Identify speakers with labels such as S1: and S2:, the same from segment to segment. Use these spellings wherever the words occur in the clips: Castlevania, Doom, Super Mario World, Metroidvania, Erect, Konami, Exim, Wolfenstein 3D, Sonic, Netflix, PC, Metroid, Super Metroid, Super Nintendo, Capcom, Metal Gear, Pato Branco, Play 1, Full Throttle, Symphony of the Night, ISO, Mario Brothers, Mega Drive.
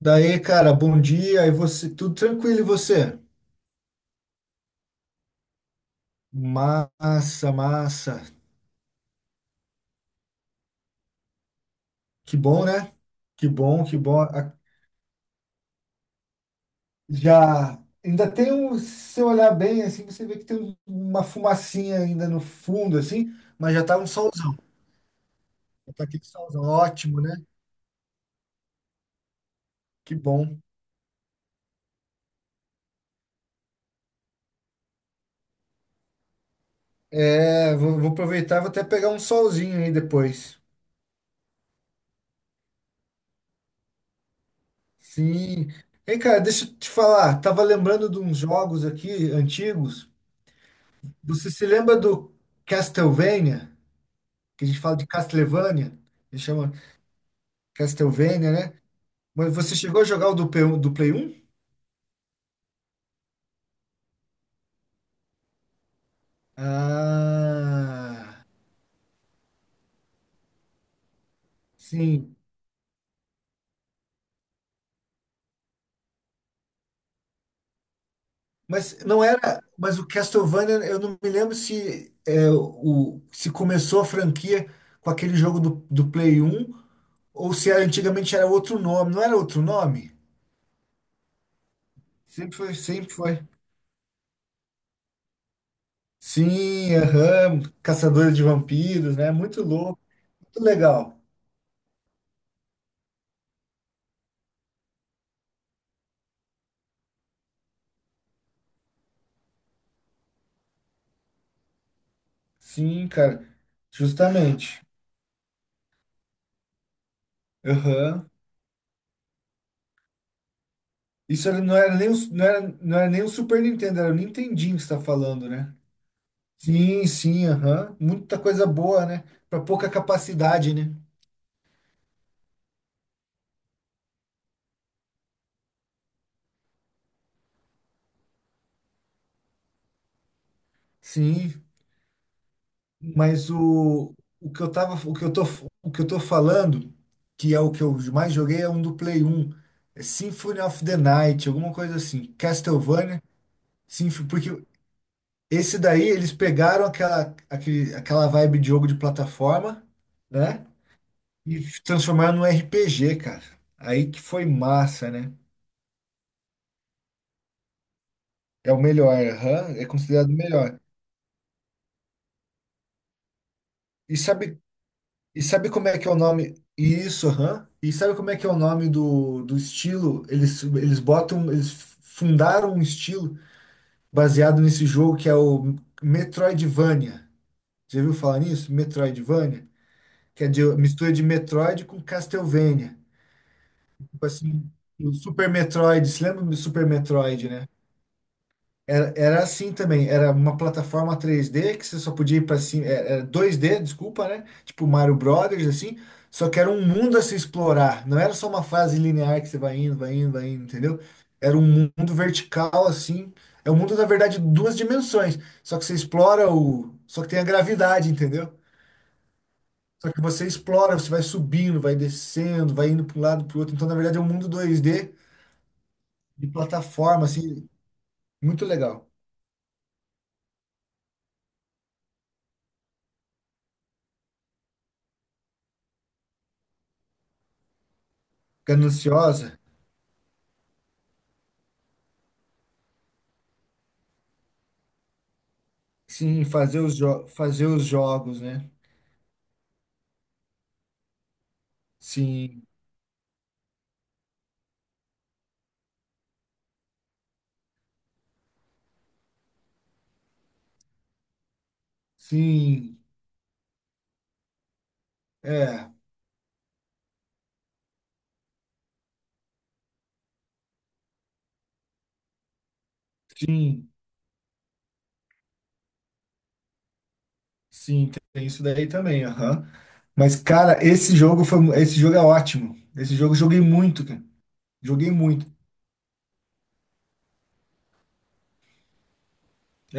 S1: Daí, cara, bom dia. E você, tudo tranquilo e você? Massa, massa. Que bom, né? Que bom, que bom. Já ainda tem um, se você olhar bem assim, você vê que tem uma fumacinha ainda no fundo assim, mas já tá um solzão, tá aquele solzão ótimo, né? Que bom. É, vou aproveitar, vou até pegar um solzinho aí depois. Sim. Ei, cara, deixa eu te falar, tava lembrando de uns jogos aqui antigos. Você se lembra do Castlevania? Que a gente fala de Castlevania, ele chama Castlevania, né? Mas você chegou a jogar o do Play 1? Do Play 1? Ah, sim. Mas não era. Mas o Castlevania, eu não me lembro se, é, o, se começou a franquia com aquele jogo do Play 1 ou se era, antigamente era outro nome. Não era outro nome? Sempre foi, sempre foi. Sim, aham, Caçadores de Vampiros, né? Muito louco, muito legal. Sim, cara, justamente. Aham. Não era nem o, não era, não era nem o Super Nintendo, era o Nintendinho que você tá falando, né? Sim, sim, aham. Muita coisa boa, né? Pra pouca capacidade, né? Sim, mas o que eu tava, o que eu tô, o que eu tô falando, que é o que eu mais joguei, é um do Play 1. É Symphony of the Night, alguma coisa assim. Castlevania, Symphony porque esse daí eles pegaram aquela vibe de jogo de plataforma, né? E transformaram num RPG, cara. Aí que foi massa, né? É o melhor, aham, é considerado o melhor. E sabe, e sabe como é que é o nome? Isso, aham. E sabe como é que é o nome do estilo? Eles fundaram um estilo baseado nesse jogo que é o Metroidvania. Já viu falar nisso? Metroidvania? Que é de mistura de Metroid com Castlevania. Tipo assim, o Super Metroid, se lembra do Super Metroid, né? Era assim também, era uma plataforma 3D que você só podia ir pra cima, era 2D, desculpa, né? Tipo Mario Brothers, assim, só que era um mundo a se explorar, não era só uma fase linear que você vai indo, vai indo, vai indo, entendeu? Era um mundo vertical, assim, é um mundo, na verdade, de duas dimensões, só que só que tem a gravidade, entendeu? Só que você explora, você vai subindo, vai descendo, vai indo para um lado, para o outro, então, na verdade, é um mundo 2D de plataforma, assim, muito legal, gananciosa. Sim, fazer os jogos, né? Sim, sim, é, sim, sim, tem isso daí também, aham. Mas, cara, esse jogo é ótimo. Esse jogo eu joguei muito, cara. Joguei muito.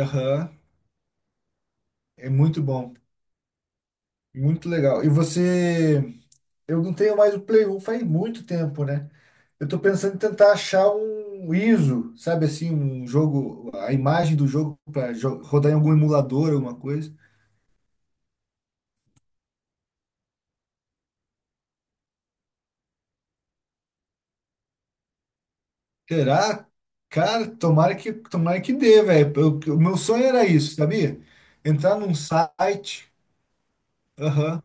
S1: Aham, é muito bom, muito legal. E você, eu não tenho mais o Play 1 faz muito tempo, né? Eu tô pensando em tentar achar um ISO, sabe assim, um jogo, a imagem do jogo para rodar em algum emulador, alguma coisa. Será? Cara, tomara que dê, velho. O meu sonho era isso, sabia? Entrar num site. Aham.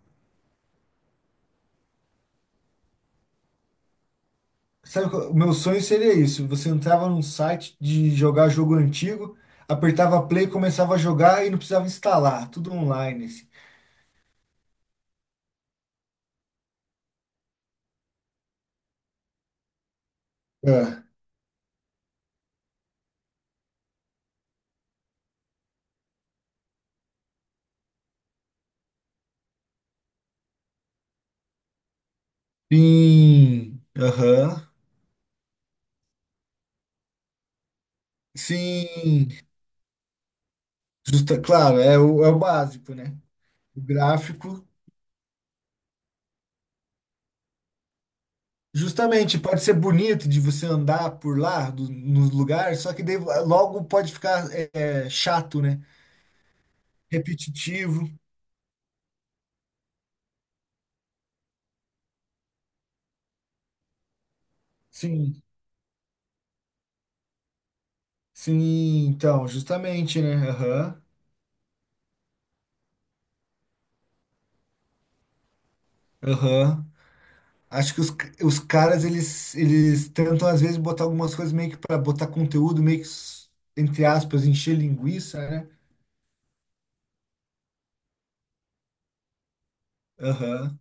S1: Sabe, o meu sonho seria isso. Você entrava num site de jogar jogo antigo, apertava play, começava a jogar e não precisava instalar. Tudo online, assim. Ah, sim. Aham. Sim. Claro, é o básico, né? O gráfico Justamente, pode ser bonito de você andar por lá, do, no lugar, só que daí logo pode ficar chato, né? Repetitivo. Sim, sim, então, justamente, né? Aham, aham. Acho que os caras, eles tentam, às vezes, botar algumas coisas meio que para botar conteúdo, meio que, entre aspas, encher linguiça, né? Aham,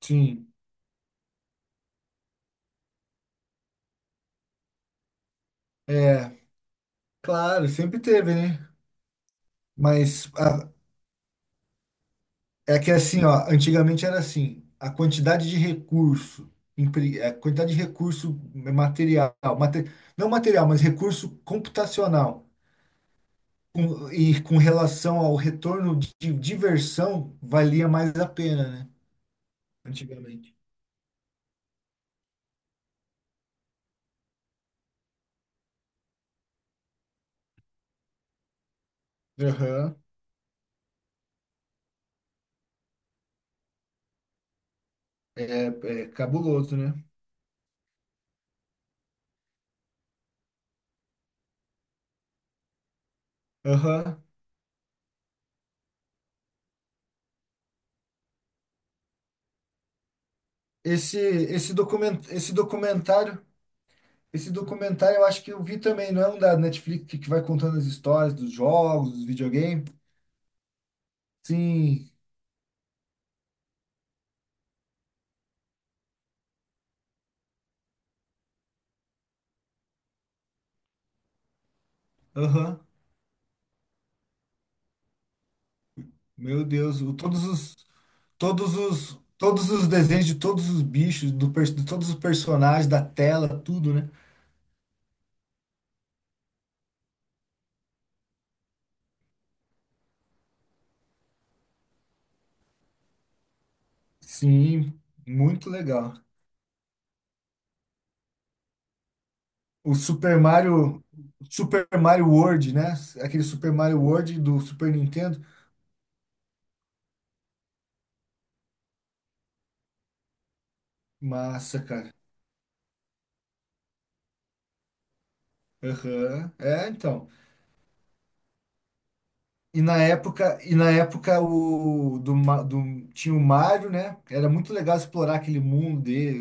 S1: sim. É, claro, sempre teve, né? Mas a- É que assim, ó, antigamente era assim, a quantidade de recurso, empre- a quantidade de recurso é, material, mate- não material, mas recurso computacional, e com relação ao retorno de diversão, valia mais a pena, né? Antigamente. Aham. É, é cabuloso, né? Aham. Esse, esse, document, esse documentário, esse documentário eu acho que eu vi também, não é um da Netflix que vai contando as histórias dos jogos, dos videogames? Sim, aham. Meu Deus, todos os desenhos de todos os bichos, de todos os personagens da tela, tudo, né? Sim, muito legal. O Super Mario Super Mario World, né? Aquele Super Mario World do Super Nintendo. Massa, cara. Aham. É, então. E na época o do, Ma- do tinha o Mario, né? Era muito legal explorar aquele mundo dele.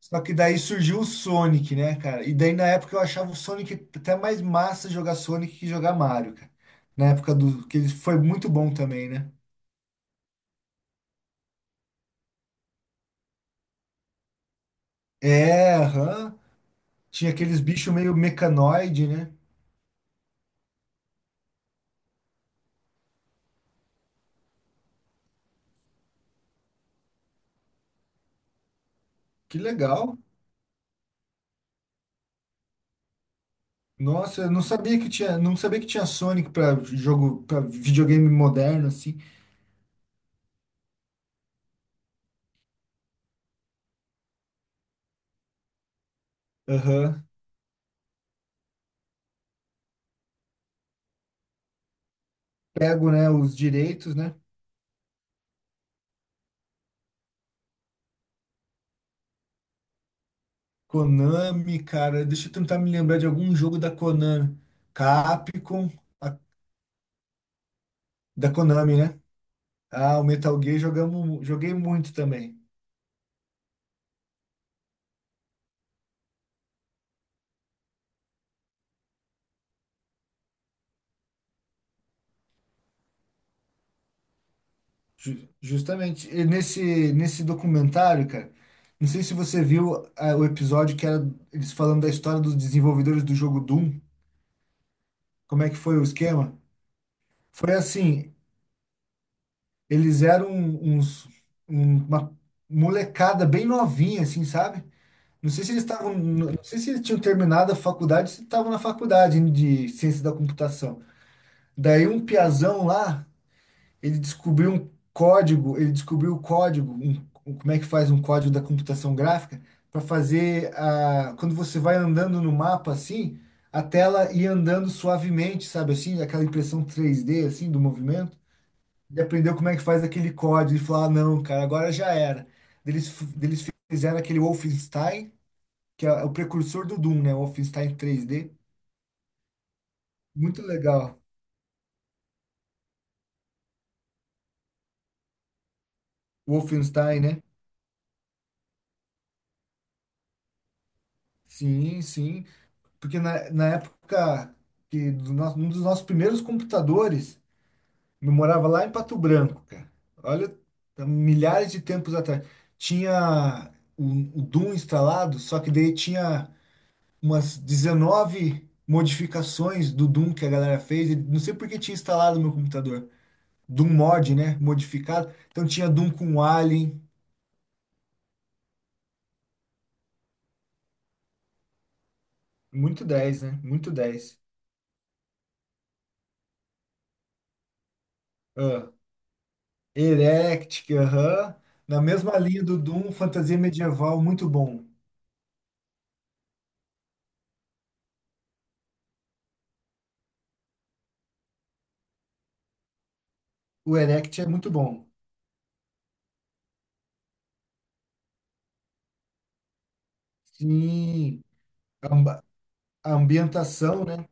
S1: Só que daí surgiu o Sonic, né, cara? E daí na época eu achava o Sonic até mais massa jogar Sonic que jogar Mario, cara. Na época do que ele foi muito bom também, né? É, aham. Tinha aqueles bichos meio mecanoide, né? Que legal. Nossa, eu não sabia que tinha, não sabia que tinha Sonic para videogame moderno assim. Aham. Pego, né, os direitos, né? Konami, cara, deixa eu tentar me lembrar de algum jogo da Konami. Capcom, a- da Konami, né? Ah, o Metal Gear joguei muito também. Justamente e nesse documentário, cara. Não sei se você viu o episódio que era eles falando da história dos desenvolvedores do jogo Doom. Como é que foi o esquema? Foi assim, eles eram uma molecada bem novinha, assim, sabe? Não sei se eles tinham terminado a faculdade, se estavam na faculdade de ciência da computação. Daí um piazão lá ele descobriu o código, como é que faz um código da computação gráfica para fazer quando você vai andando no mapa assim, a tela ir andando suavemente, sabe assim, aquela impressão 3D assim do movimento. Ele aprendeu como é que faz aquele código e falou: ah, não, cara, agora já era. Eles, eles fizeram aquele Wolfenstein, que é o precursor do Doom, né? O Wolfenstein 3D. Muito legal. Wolfenstein, né? Sim, sim. Porque na época um dos nossos primeiros computadores, eu morava lá em Pato Branco, cara. Olha, há milhares de tempos atrás. Tinha o Doom instalado, só que daí tinha umas 19 modificações do Doom que a galera fez. E não sei por que tinha instalado no meu computador. Doom mod, né? Modificado. Então tinha Doom com Alien. Muito dez, né? Muito 10. Ah, Erect, aham. Na mesma linha do Doom, fantasia medieval, muito bom. O Erect é muito bom. Sim, a, amba- a ambientação, né?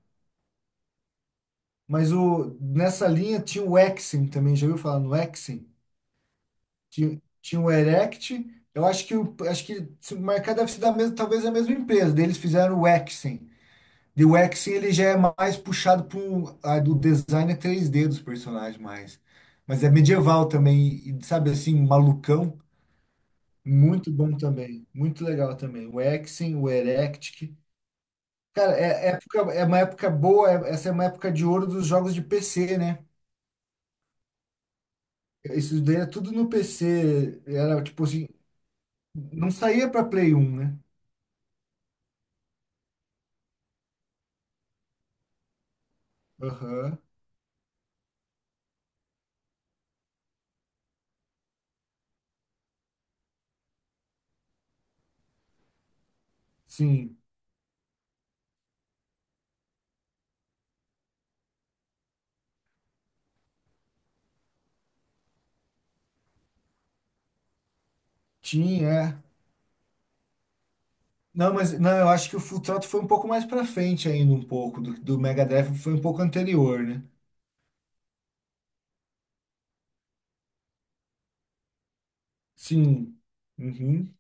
S1: Mas nessa linha tinha o Exim também, já ouviu falar no Exim? Tinha o Erect, eu acho que se marcar deve ser da mesma, talvez a mesma empresa, daí eles fizeram o Exim. E o Exim ele já é mais puxado para o design é 3D dos personagens mais. Mas é medieval também, e, sabe assim, malucão. Muito bom também, muito legal também. O Exim, o Erectic. Cara, é, é época, é uma época boa, é- essa é uma época de ouro dos jogos de PC, né? Isso daí era tudo no PC, era tipo assim, não saía pra Play 1, né? Aham, sim, tinha. É. Não, mas não, eu acho que o Full Throttle foi um pouco mais pra frente ainda, um pouco, do Mega Drive foi um pouco anterior, né? Sim, uhum.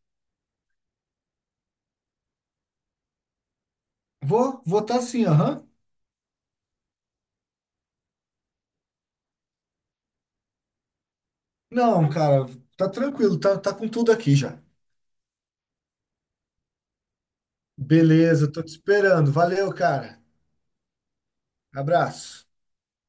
S1: Vou votar sim, aham. Não, cara, tá tranquilo, tá com tudo aqui já. Beleza, tô te esperando. Valeu, cara. Abraço.